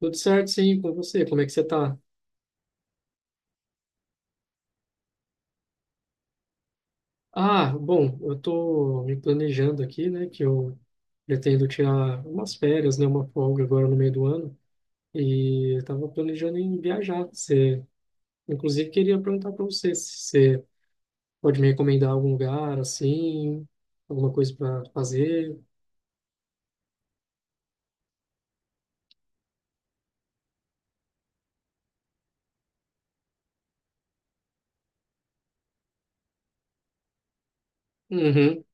Tudo certo, sim, com você? Como é que você tá? Ah, bom, eu tô me planejando aqui, né, que eu pretendo tirar umas férias, né, uma folga agora no meio do ano, e eu tava planejando em viajar. Você, inclusive, queria perguntar para você se você pode me recomendar algum lugar, assim, alguma coisa para fazer. Uhum.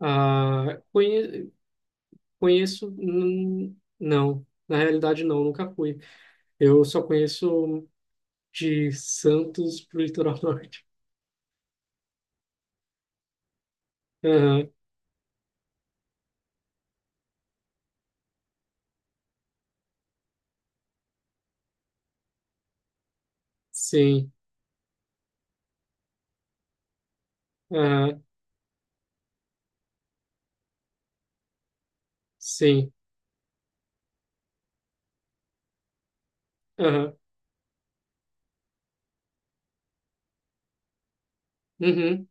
Ah, conheço, não, na realidade não, nunca fui. Eu só conheço de Santos pro litoral norte. Aham, sim, aham, sim, aham, uhum,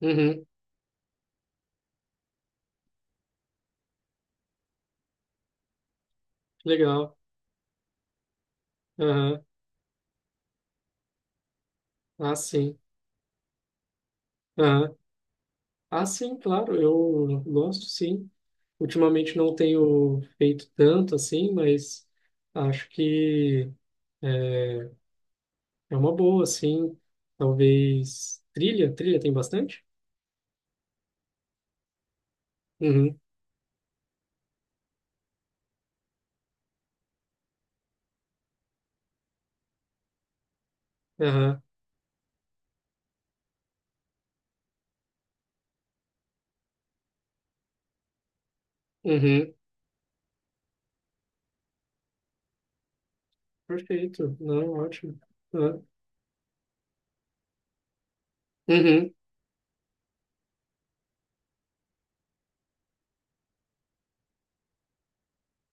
uhum, legal, aham, ah, sim, aham, ah, sim, claro, eu gosto, sim. Ultimamente não tenho feito tanto, assim, mas acho que é, é uma boa, assim, talvez trilha, trilha tem bastante? Uhum, aham, uhum, perfeito, não, ótimo, aham, uhum.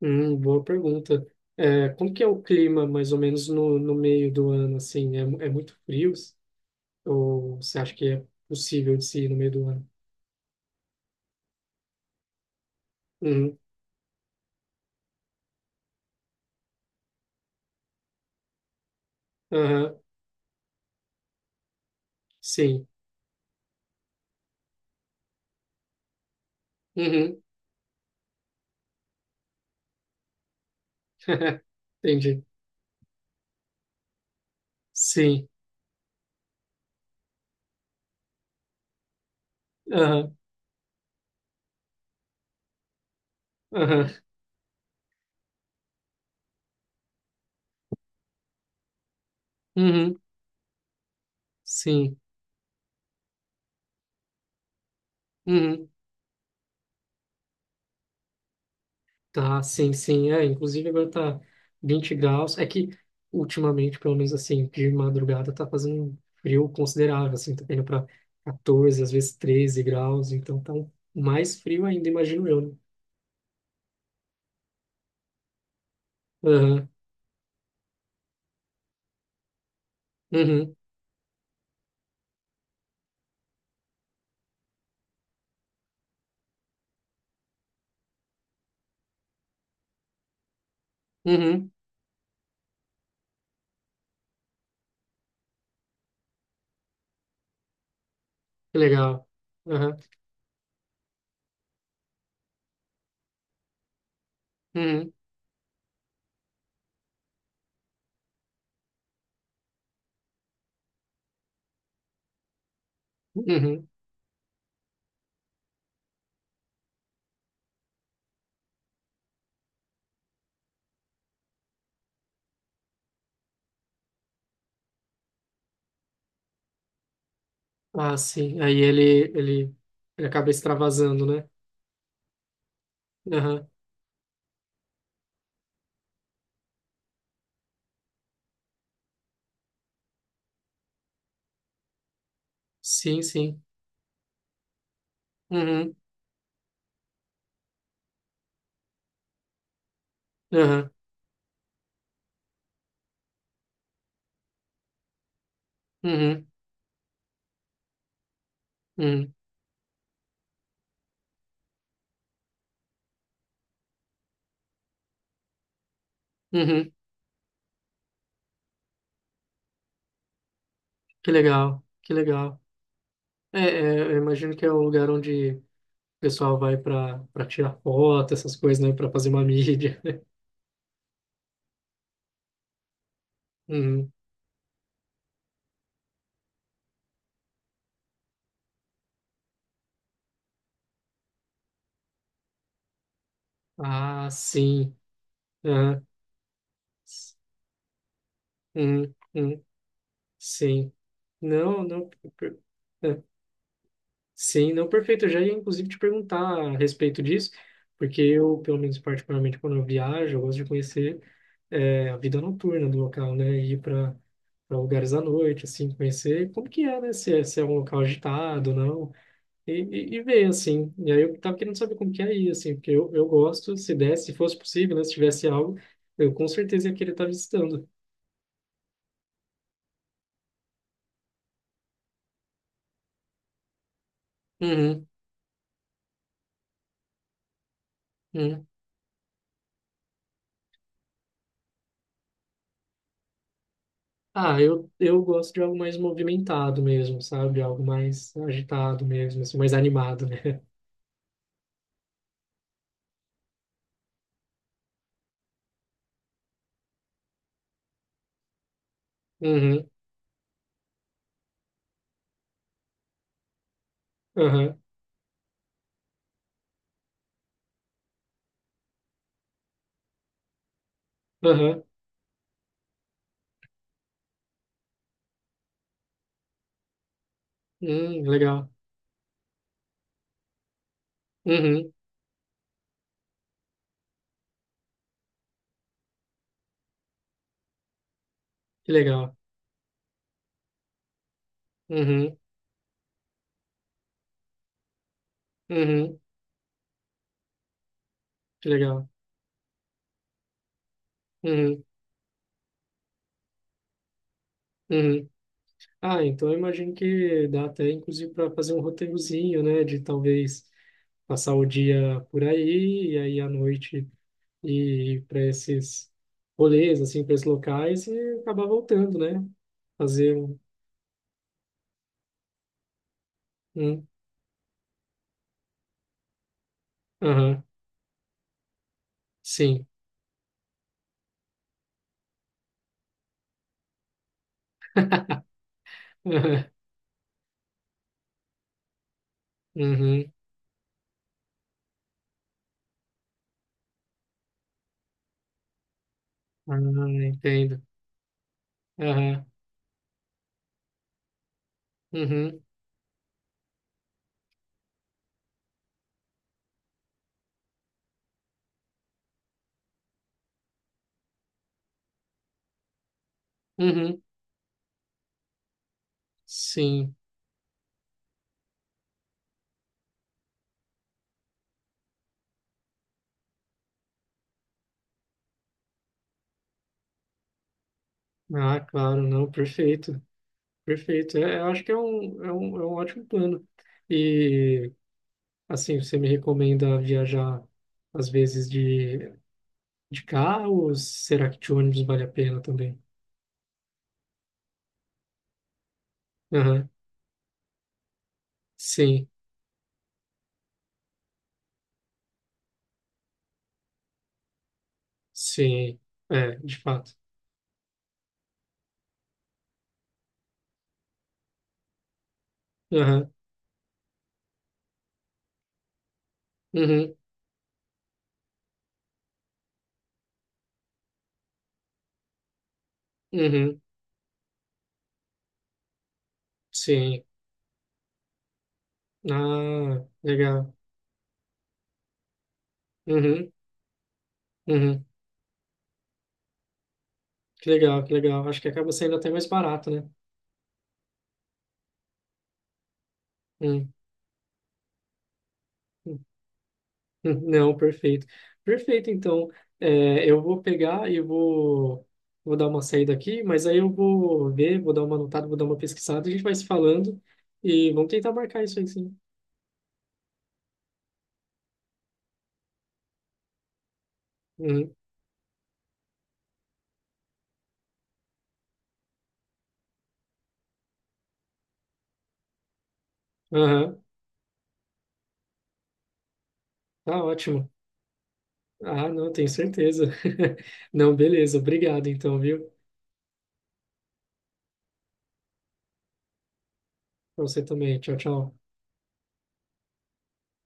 Boa pergunta. É, como que é o clima, mais ou menos, no meio do ano, assim? É, é muito frio? Ou você acha que é possível de se ir no meio do ano? Uhum, aham, sim. Uhum, entendi. Sim. Aham, aham, uhum, sim. Uhum. Tá, sim, sim. É, inclusive agora tá 20 graus. É que ultimamente, pelo menos assim, de madrugada tá fazendo um frio considerável, assim, tá indo para 14, às vezes 13 graus, então mais frio ainda, imagino eu, né? Aham, uhum, uhum, que legal. Aham, uhum, uhum. Ah, sim. Aí ele, ele acaba extravasando, né? Aham, sim, sim. Uhum, aham, uhum, uhum, uhum. Que legal, que legal. É, eu imagino que é o lugar onde o pessoal vai para tirar foto, essas coisas, né? Para fazer uma mídia. Uhum. Ah, sim. Aham. Uhum. Uhum. Sim. Não, não. per- É. Sim, não, perfeito. Eu já ia, inclusive, te perguntar a respeito disso, porque eu, pelo menos particularmente, quando eu viajo, eu gosto de conhecer a vida noturna do local, né? Ir para lugares à noite, assim, conhecer como que é, né? Se é um local agitado, não. E ver, assim. E aí eu tava querendo saber como que é isso assim, porque eu gosto, se desse, se fosse possível, né, se tivesse algo, eu com certeza ia querer estar visitando. Uhum, uhum. Ah, eu gosto de algo mais movimentado mesmo, sabe? Algo mais agitado mesmo, assim, mais animado, né? Uhum, aham, aham, legal. Uhum, que legal. Uhum, uhum, que legal. Uhum, uhum. Ah, então eu imagino que dá até, inclusive, para fazer um roteirozinho, né, de talvez passar o dia por aí e aí à noite ir para esses rolês, assim, para esses locais e acabar voltando, né? Fazer um. um- Aham, sim. Aham, uhum, ah, entendo. Aham, uhum, uhum, sim. Ah, claro, não, perfeito, perfeito. É, eu acho que é um ótimo plano. E, assim, você me recomenda viajar, às vezes, de carro ou será que de ônibus vale a pena também? Aham, sim, sim, é, de fato. Aham, uhum, uhum, sim. Ah, legal. Uhum, uhum, que legal, que legal. Acho que acaba saindo até mais barato, né? Hum, hum, Não, perfeito. Perfeito, então, eu vou pegar e vou dar uma saída aqui, mas aí eu vou ver, vou dar uma anotada, vou dar uma pesquisada, a gente vai se falando e vamos tentar marcar isso aí, sim. Uhum, aham. Tá ótimo. Ah, não, tenho certeza. Não, beleza. Obrigado, então, viu? Pra você também. Tchau, tchau.